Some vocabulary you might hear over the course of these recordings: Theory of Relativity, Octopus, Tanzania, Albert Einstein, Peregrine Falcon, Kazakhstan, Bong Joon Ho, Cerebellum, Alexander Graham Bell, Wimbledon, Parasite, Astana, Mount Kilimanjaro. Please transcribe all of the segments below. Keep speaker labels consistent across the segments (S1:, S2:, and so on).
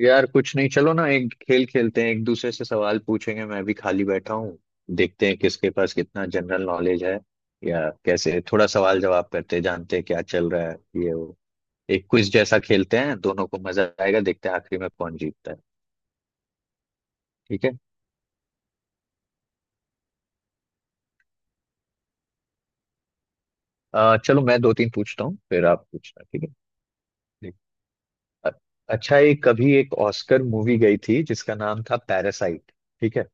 S1: यार कुछ नहीं, चलो ना एक खेल खेलते हैं। एक दूसरे से सवाल पूछेंगे, मैं भी खाली बैठा हूँ। देखते हैं किसके पास कितना जनरल नॉलेज है, या कैसे थोड़ा सवाल जवाब करते हैं, जानते हैं क्या चल रहा है, ये वो। एक क्विज जैसा खेलते हैं, दोनों को मजा आएगा, देखते हैं आखिरी में कौन जीतता है। ठीक है। चलो मैं दो तीन पूछता हूँ फिर आप पूछना। ठीक है। ठीक। अ- अच्छा, ये कभी एक ऑस्कर मूवी गई थी जिसका नाम था पैरासाइट। ठीक है।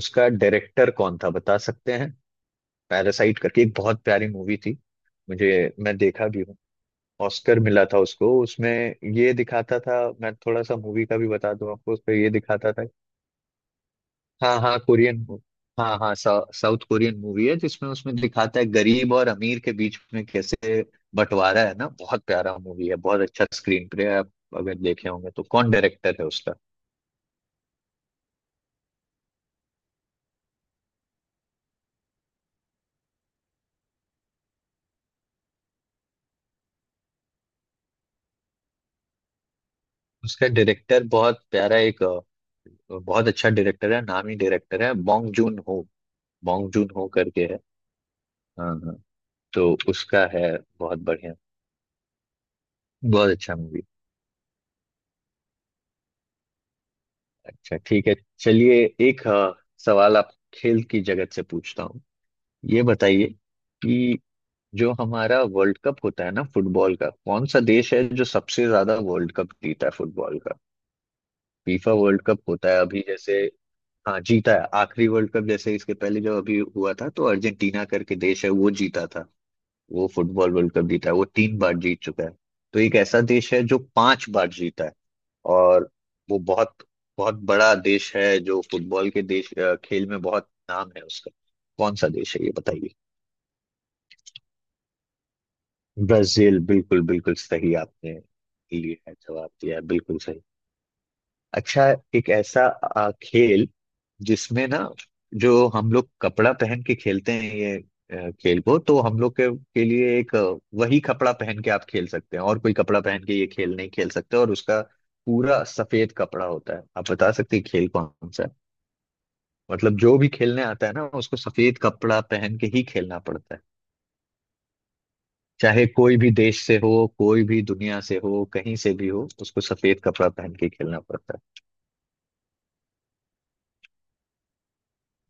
S1: उसका डायरेक्टर कौन था बता सकते हैं? पैरासाइट करके एक बहुत प्यारी मूवी थी मुझे, मैं देखा भी हूँ। ऑस्कर मिला था उसको, उसमें ये दिखाता था। मैं थोड़ा सा मूवी का भी बता दूं आपको, उसमें ये दिखाता था। हाँ हाँ, कोरियन। हाँ हाँ, साउथ कोरियन मूवी है जिसमें, उसमें दिखाता है गरीब और अमीर के बीच में कैसे बंटवारा है ना। बहुत प्यारा मूवी है, बहुत अच्छा स्क्रीन प्ले है। आप अगर देखे होंगे तो कौन डायरेक्टर है उसका? उसका डायरेक्टर बहुत प्यारा एक बहुत अच्छा डायरेक्टर है, नामी डायरेक्टर है। Bong Joon Ho, Bong Joon Ho करके है। हाँ हाँ। तो उसका है। बहुत बढ़िया, बहुत अच्छा मूवी। अच्छा ठीक है। चलिए। एक सवाल आप खेल की जगत से पूछता हूँ। ये बताइए कि जो हमारा वर्ल्ड कप होता है ना फुटबॉल का, कौन सा देश है जो सबसे ज्यादा वर्ल्ड कप जीता है फुटबॉल का? फीफा वर्ल्ड कप होता है अभी जैसे। हाँ जीता है। आखिरी वर्ल्ड कप जैसे इसके पहले जब अभी हुआ था तो अर्जेंटीना करके देश है, वो जीता था। वो फुटबॉल वर्ल्ड कप जीता है, वो तीन बार जीत चुका है। तो एक ऐसा देश है जो पांच बार जीता है, और वो बहुत, बहुत बड़ा देश है जो फुटबॉल के देश खेल में बहुत नाम है उसका। कौन सा देश है ये बताइए? ब्राजील, बिल्कुल बिल्कुल सही आपने लिए है, जवाब दिया है बिल्कुल सही। अच्छा, एक ऐसा खेल जिसमें ना, जो हम लोग कपड़ा पहन के खेलते हैं ये खेल को, तो हम लोग के लिए एक वही कपड़ा पहन के आप खेल सकते हैं, और कोई कपड़ा पहन के ये खेल नहीं खेल सकते, और उसका पूरा सफेद कपड़ा होता है। आप बता सकते हैं खेल कौन सा है? मतलब जो भी खेलने आता है ना, उसको सफेद कपड़ा पहन के ही खेलना पड़ता है। चाहे कोई भी देश से हो, कोई भी दुनिया से हो, कहीं से भी हो, उसको सफेद कपड़ा पहन के खेलना पड़ता है।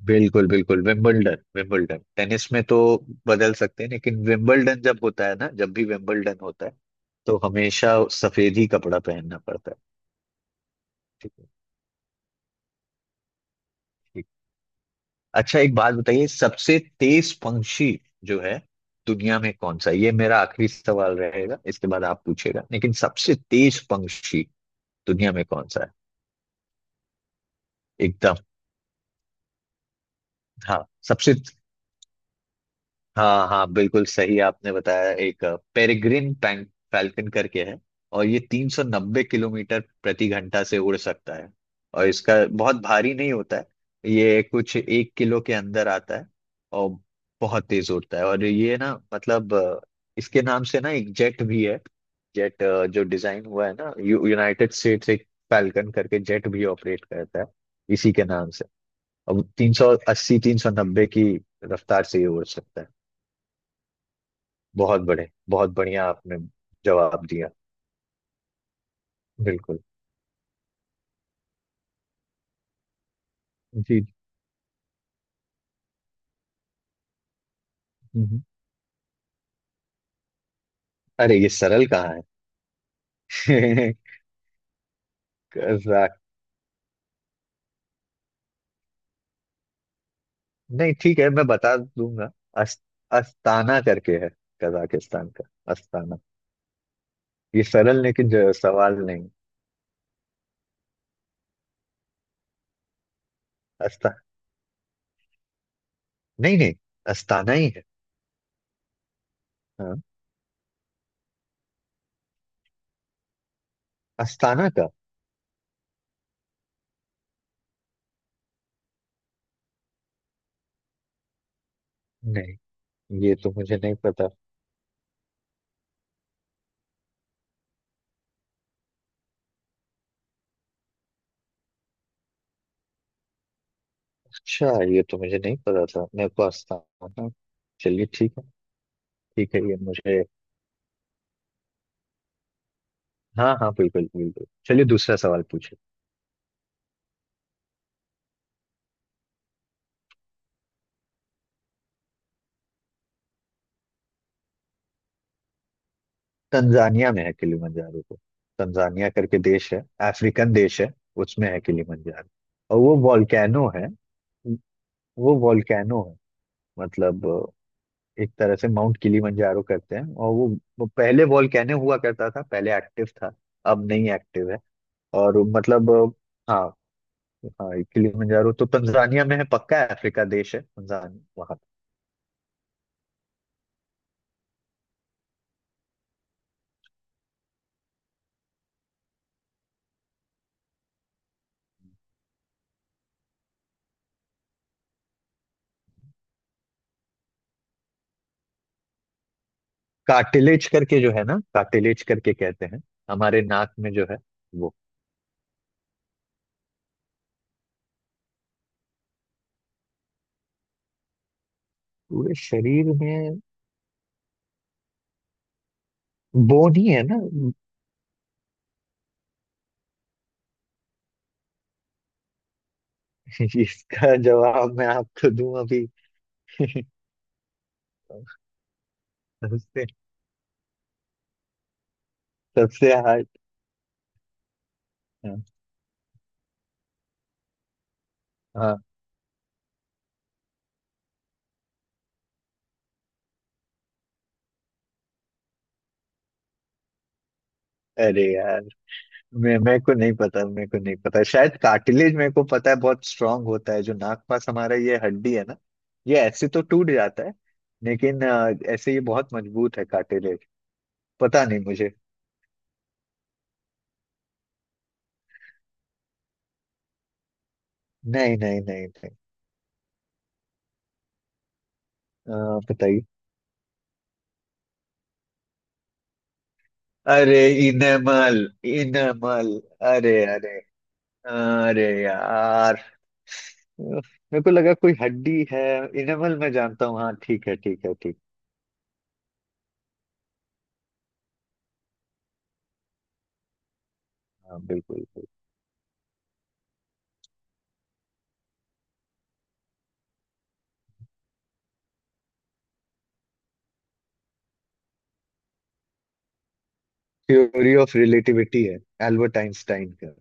S1: बिल्कुल बिल्कुल, विंबलडन, विंबलडन टेनिस में तो बदल सकते हैं, लेकिन विंबलडन जब होता है ना, जब भी विंबलडन होता है तो हमेशा सफेद ही कपड़ा पहनना पड़ता है। ठीक है। ठीक। अच्छा एक बात बताइए, सबसे तेज पंक्षी जो है दुनिया में कौन सा है? ये मेरा आखिरी सवाल रहेगा, इसके बाद आप पूछेगा, लेकिन सबसे तेज पंक्षी दुनिया में कौन सा है? एकदम। हाँ सबसे। हाँ हाँ, बिल्कुल सही आपने बताया। एक पेरिग्रिन पैंक फैल्कन करके है, और ये 390 किलोमीटर प्रति घंटा से उड़ सकता है। और इसका बहुत भारी नहीं होता है, ये कुछ एक किलो के अंदर आता है। और बहुत तेज उड़ता है, और ये ना, मतलब इसके नाम से ना एक जेट भी है, जेट, जो डिजाइन हुआ है ना, यूनाइटेड स्टेट्स एक फैल्कन करके जेट भी ऑपरेट करता है इसी के नाम से। अब 380, 390 की रफ्तार से ये उड़ सकता है। बहुत बड़े, बहुत बढ़िया आपने जवाब दिया। बिल्कुल। जी। हम्म। अरे ये सरल कहाँ है कजाक, नहीं ठीक है मैं बता दूंगा। अस, अस्ताना करके है कजाकिस्तान का, अस्ताना। ये सरल लेकिन सवाल नहीं। अस्ता, नहीं नहीं, अस्ताना ही है। हाँ। अस्ताना का। नहीं, ये तो मुझे नहीं पता। अच्छा, ये तो मुझे नहीं पता था, मेरे को अस्ताना। चलिए ठीक है, ठीक है ये मुझे। हाँ हाँ, बिल्कुल बिल्कुल, चलिए दूसरा सवाल पूछिए। तंजानिया में है किलिमंजारो तो, तंजानिया करके देश है। अफ्रीकन देश है, उसमें है किलिमंजारो। और वो वॉल्केनो है। वो वॉल्केनो है। मतलब एक तरह से माउंट किलिमंजारो कहते हैं, और वो पहले वॉल्केनो हुआ करता था, पहले एक्टिव था, अब नहीं एक्टिव है। और मतलब हाँ। हाँ, ये किलिमंजारो तो तंजानिया में है पक्का, अफ्रीका देश है तंजानिया वहाँ। कार्टिलेज करके जो है ना, कार्टिलेज करके कहते हैं, हमारे नाक में जो है वो। पूरे शरीर में वो नहीं है ना। इसका जवाब मैं आपको दूं अभी सबसे, सबसे हार्ड। हाँ। हाँ, अरे यार मैं मेरे को नहीं पता, मेरे को नहीं पता, शायद कार्टिलेज मेरे को पता है, बहुत स्ट्रांग होता है जो नाक पास हमारा, ये हड्डी है ना। ये ऐसे तो टूट जाता है, लेकिन ऐसे ये बहुत मजबूत है कार्टिलेज। पता नहीं मुझे। नहीं नहीं नहीं नहीं। बताइए। अरे, इनेमल, इनेमल। अरे अरे। अरे यार, उफ, मेरे को लगा कोई हड्डी है। इनेमल मैं जानता हूँ, हाँ ठीक है ठीक है ठीक। हाँ बिल्कुल। थ्योरी ऑफ रिलेटिविटी है, एल्बर्ट आइंस्टाइन का।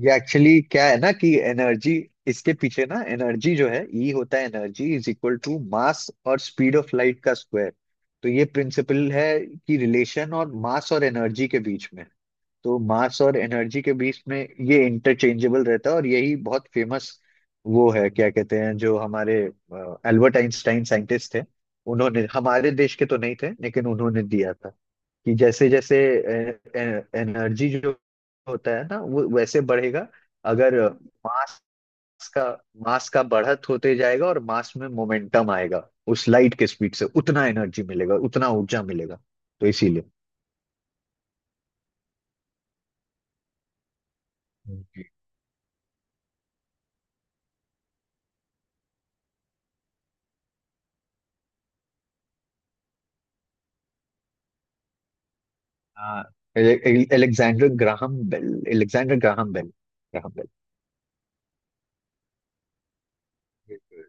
S1: ये एक्चुअली क्या है ना, कि एनर्जी, इसके पीछे ना एनर्जी जो है, ई होता है energy, is equal to mass और स्पीड ऑफ लाइट का स्क्वायर। तो ये प्रिंसिपल है कि रिलेशन और मास और एनर्जी के बीच में, तो मास और एनर्जी के बीच में ये इंटरचेंजेबल रहता है, और यही बहुत फेमस वो है, क्या कहते हैं, जो हमारे एल्बर्ट आइंस्टाइन साइंटिस्ट थे, उन्होंने, हमारे देश के तो नहीं थे लेकिन उन्होंने दिया था, कि जैसे जैसे एनर्जी जो होता है ना वो वैसे बढ़ेगा, अगर मास का, मास का बढ़त होते जाएगा और मास में मोमेंटम आएगा उस लाइट के स्पीड से, उतना एनर्जी मिलेगा, उतना ऊर्जा मिलेगा, तो इसीलिए। हाँ, Alexander Graham Bell, Alexander Graham Bell, Graham Bell. बिल्कुल।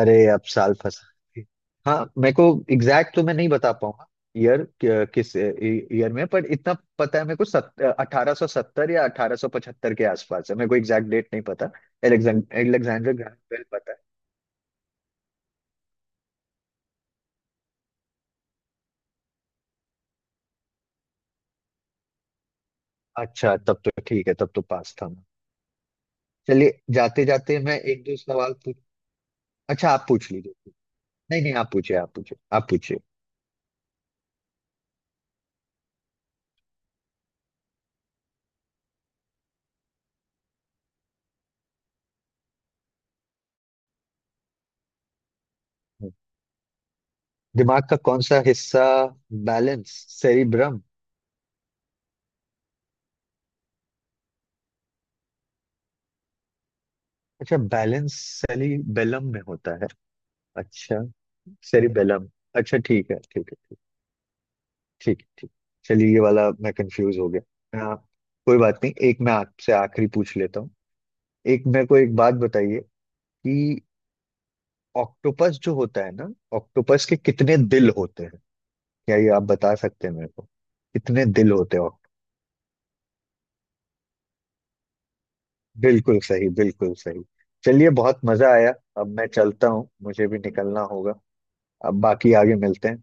S1: अरे अब साल फंसा। हाँ, मेरे को एग्जैक्ट तो मैं नहीं बता पाऊंगा ईयर, किस ईयर में, पर इतना पता है मेरे को, 1870 या 1875 के आसपास है, मेरे को एग्जैक्ट डेट नहीं पता। एलेक्जेंडर, एलेक्जेंडर ग्राहम बेल पता है। अच्छा तब तो ठीक है, तब तो पास था मैं। चलिए जाते जाते मैं एक दो सवाल पूछ। अच्छा आप पूछ लीजिए। नहीं नहीं, आप पूछिए, आप पूछिए, आप पूछिए। दिमाग का कौन सा हिस्सा बैलेंस, सेरिब्रम। अच्छा, बैलेंस सेरिबेलम में होता है। अच्छा, सेरिबेलम। अच्छा ठीक है ठीक है ठीक। ठीक है, ठीक। चलिए ये वाला मैं कंफ्यूज हो गया, हाँ। कोई बात नहीं, एक मैं आपसे आखिरी पूछ लेता हूँ। एक मेरे को एक बात बताइए कि ऑक्टोपस जो होता है ना, ऑक्टोपस के कितने दिल होते हैं? क्या ये आप बता सकते हैं मेरे को, कितने दिल होते हैं? बिल्कुल सही, बिल्कुल सही। चलिए बहुत मजा आया। अब मैं चलता हूँ, मुझे भी निकलना होगा। अब बाकी आगे मिलते हैं।